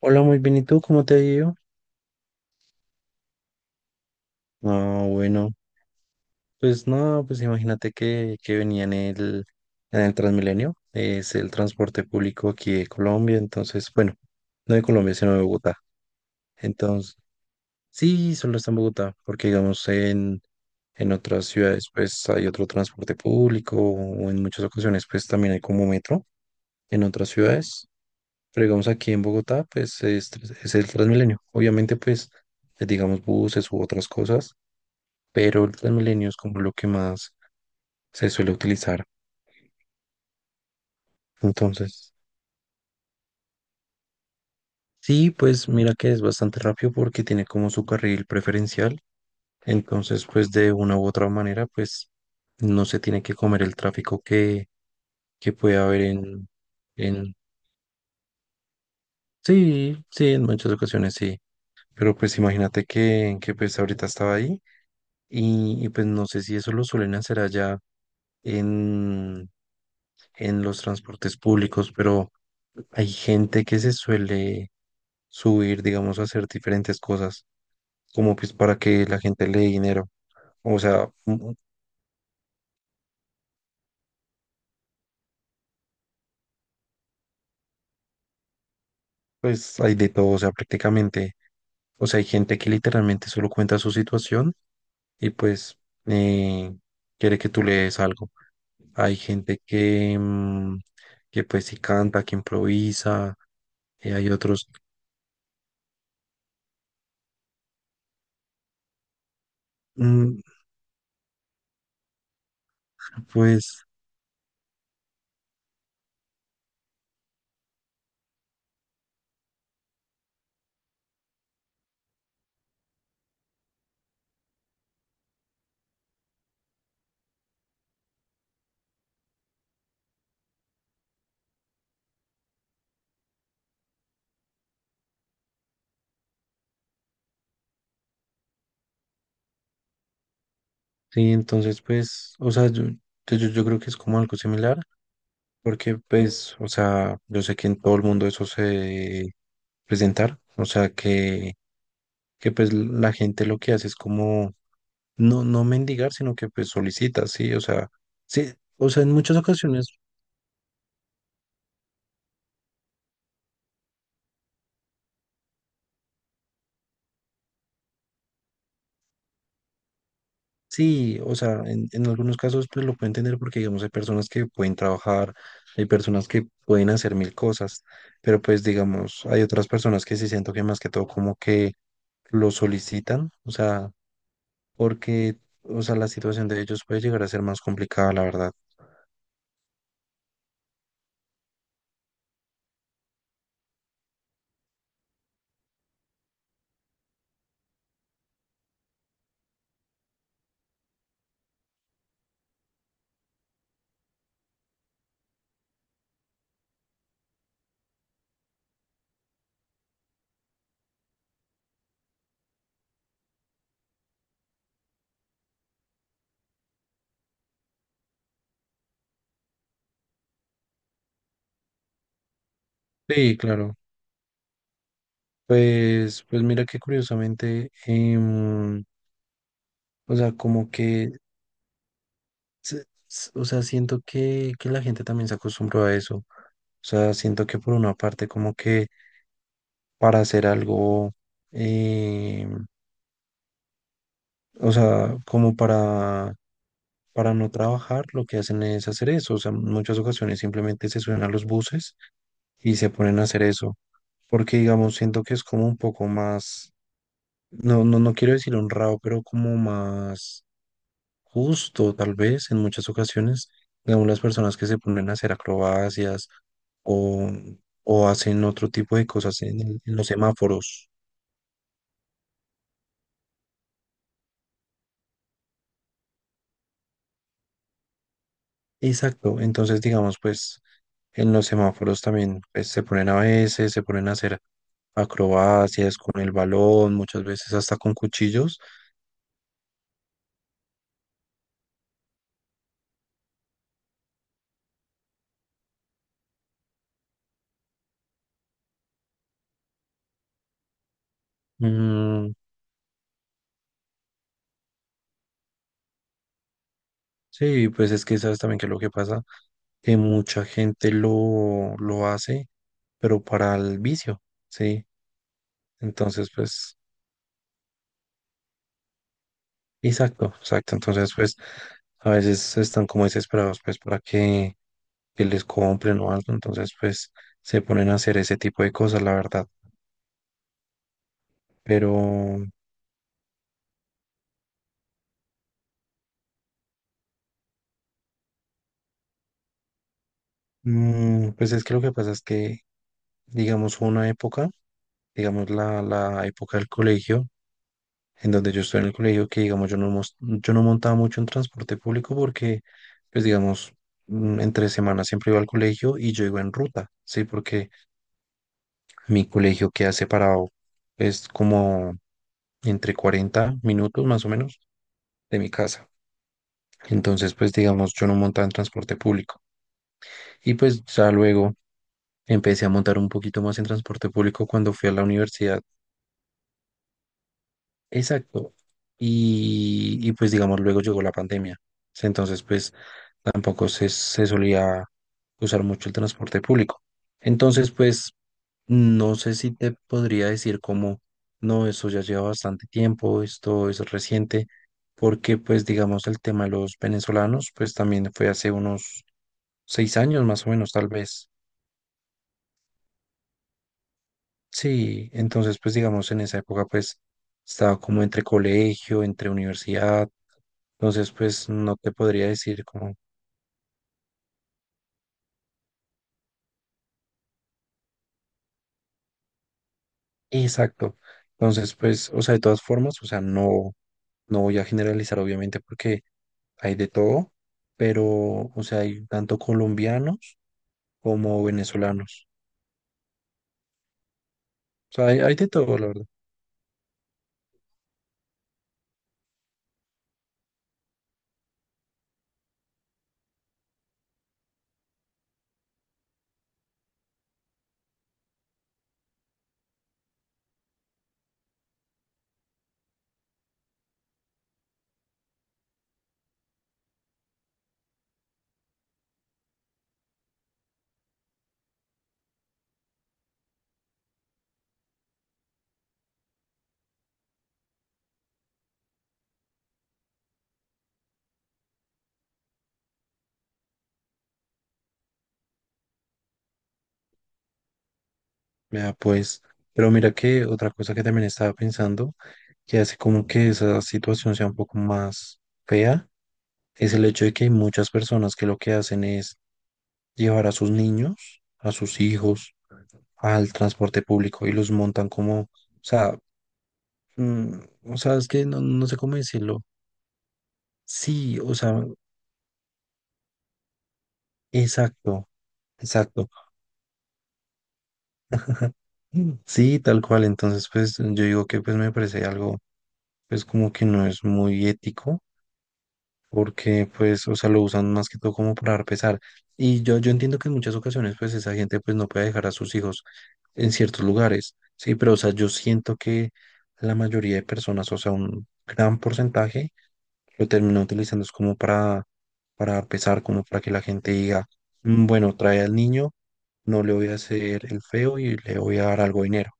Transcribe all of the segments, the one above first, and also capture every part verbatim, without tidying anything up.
Hola, muy bien. ¿Y tú cómo te ha ido? Ah, bueno, pues no, pues imagínate que, que venía en el, en el Transmilenio, es el transporte público aquí de Colombia, entonces, bueno, no de Colombia, sino de Bogotá. Entonces, sí, solo está en Bogotá, porque digamos en, en otras ciudades pues hay otro transporte público o en muchas ocasiones pues también hay como metro en otras ciudades, pero digamos aquí en Bogotá pues es, tr- es el Transmilenio. Obviamente pues eh, digamos buses u otras cosas, pero las milenio es como lo que más se suele utilizar. Entonces, sí, pues mira que es bastante rápido porque tiene como su carril preferencial. Entonces, pues de una u otra manera, pues no se tiene que comer el tráfico que, que puede haber en, en... Sí, sí, en muchas ocasiones sí. Pero pues imagínate que, que pues ahorita estaba ahí y, y pues no sé si eso lo suelen hacer allá en, en los transportes públicos, pero hay gente que se suele subir, digamos, hacer diferentes cosas, como pues para que la gente le dé dinero. O sea, mm, pues hay de todo, o sea, prácticamente, o sea, hay gente que literalmente solo cuenta su situación y pues eh, quiere que tú le des algo. Hay gente que, mm, que pues sí canta, que improvisa, eh, hay otros, mm, pues sí, entonces pues, o sea, yo, yo, yo yo creo que es como algo similar. Porque pues, o sea, yo sé que en todo el mundo eso se presentar. O sea, que, que pues la gente lo que hace es como no, no mendigar, sino que pues solicita, sí, o sea, sí, o sea, en muchas ocasiones, sí, o sea, en, en, algunos casos pues lo puedo entender porque digamos hay personas que pueden trabajar, hay personas que pueden hacer mil cosas, pero pues digamos, hay otras personas que sí siento que más que todo como que lo solicitan, o sea, porque, o sea, la situación de ellos puede llegar a ser más complicada, la verdad. Sí, claro. Pues, pues mira que curiosamente, em, o sea, como que, se- s- o sea, siento que, que la gente también se acostumbró a eso. O sea, siento que por una parte como que para hacer algo, em, o sea, como para, para no trabajar, lo que hacen es hacer eso. O sea, en muchas ocasiones simplemente se suben a los buses y se ponen a hacer eso. Porque, digamos, siento que es como un poco más, no, no, no quiero decir honrado, pero como más justo, tal vez en muchas ocasiones, digamos, las personas que se ponen a hacer acrobacias o, o hacen otro tipo de cosas en, el- en los semáforos. Exacto, entonces digamos, pues en los semáforos también pues, se ponen a veces, se ponen a hacer acrobacias con el balón, muchas veces hasta con cuchillos. Mm, sí, pues es que sabes también que lo que pasa, que mucha gente lo, lo hace, pero para el vicio, sí. Entonces, pues exacto, exacto. Entonces, pues a veces están como desesperados pues para que, que les compren o algo. Entonces, pues se ponen a hacer ese tipo de cosas, la verdad. Pero, mm, pues es que lo que pasa es que, digamos, hubo una época, digamos, la, la época del colegio, en donde yo estoy en el colegio, que, digamos, yo no, mos- yo no montaba mucho en transporte público porque, pues, digamos, mm, entre semanas siempre iba al colegio y yo iba en ruta, ¿sí? Porque mi colegio queda separado, es como entre cuarenta minutos más o menos de mi casa. Entonces, pues digamos, yo no montaba en transporte público. Y pues ya luego empecé a montar un poquito más en transporte público cuando fui a la universidad. Exacto. Y, y, pues digamos, luego llegó la pandemia. Entonces, pues tampoco se, se solía usar mucho el transporte público. Entonces, pues no sé si te podría decir como, no, eso ya lleva bastante tiempo, esto es reciente, porque pues digamos el tema de los venezolanos, pues también fue hace unos seis años más o menos, tal vez. Sí, entonces pues digamos en esa época pues estaba como entre colegio, entre universidad, entonces pues no te podría decir como, exacto. Entonces pues, o sea, de todas formas, o sea, no, no voy a generalizar obviamente porque hay de todo, pero, o sea, hay tanto colombianos como venezolanos. O sea, hay, hay de todo, la verdad. Vea, pues, pero mira que otra cosa que también estaba pensando, que hace como que esa situación sea un poco más fea, es el hecho de que hay muchas personas que lo que hacen es llevar a sus niños, a sus hijos, al transporte público y los montan como, o sea, mm, o sea, es que no, no sé cómo decirlo. Sí, o sea, exacto. Exacto. Sí, tal cual. Entonces, pues yo digo que pues me parece algo, pues como que no es muy ético, porque pues, o sea, lo usan más que todo como para dar pesar. Y yo, yo entiendo que en muchas ocasiones pues esa gente pues no puede dejar a sus hijos en ciertos lugares, sí, pero o sea, yo siento que la mayoría de personas, o sea, un gran porcentaje lo termina utilizando es como para, para, dar pesar, como para que la gente diga: "Mm, bueno, trae al niño, no le voy a hacer el feo y le voy a dar algo de dinero."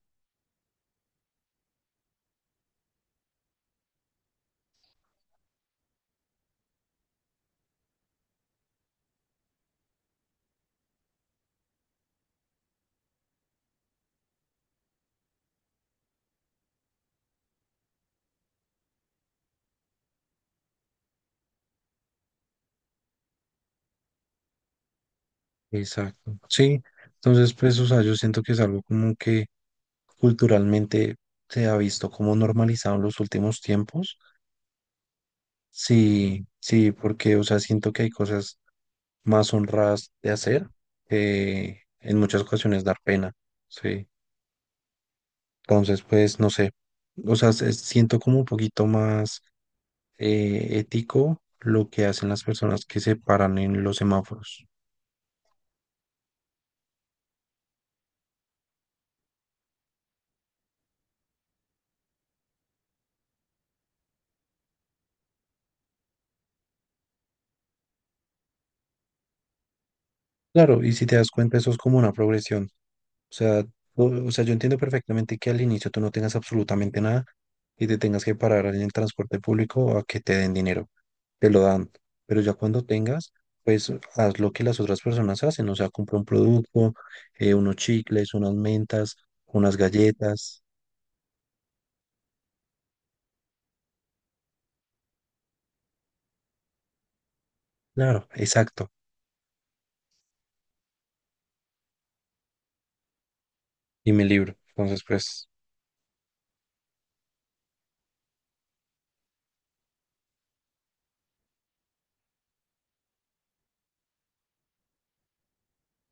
Exacto. Sí, entonces pues, o sea, yo siento que es algo como que culturalmente se ha visto como normalizado en los últimos tiempos. Sí, sí, porque, o sea, siento que hay cosas más honradas de hacer que en muchas ocasiones dar pena. Sí, entonces pues, no sé, o sea, se- siento como un poquito más eh, ético lo que hacen las personas que se paran en los semáforos. Claro, y si te das cuenta, eso es como una progresión. O sea, o, o sea, yo entiendo perfectamente que al inicio tú no tengas absolutamente nada y te tengas que parar en el transporte público a que te den dinero. Te lo dan. Pero ya cuando tengas, pues haz lo que las otras personas hacen. O sea, compra un producto, eh, unos chicles, unas mentas, unas galletas. Claro, exacto. Y mi libro. Entonces, pues,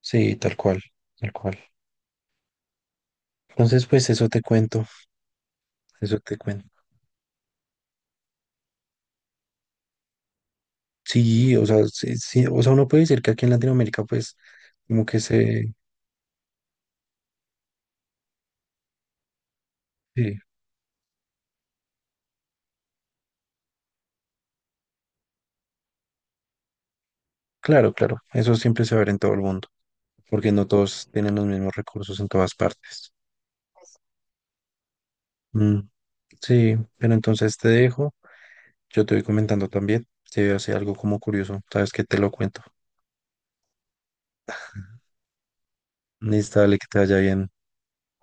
sí, tal cual, tal cual. Entonces, pues eso te cuento, eso te cuento. Sí, o sea, sí, sí, o sea, uno puede decir que aquí en Latinoamérica, pues, como que se, sí. Claro, claro, eso siempre se va a ver en todo el mundo, porque no todos tienen los mismos recursos en todas partes. Mm, sí, pero entonces te dejo, yo te voy comentando también, si veo así algo como curioso, sabes que te lo cuento. Listo, dale, que te vaya bien.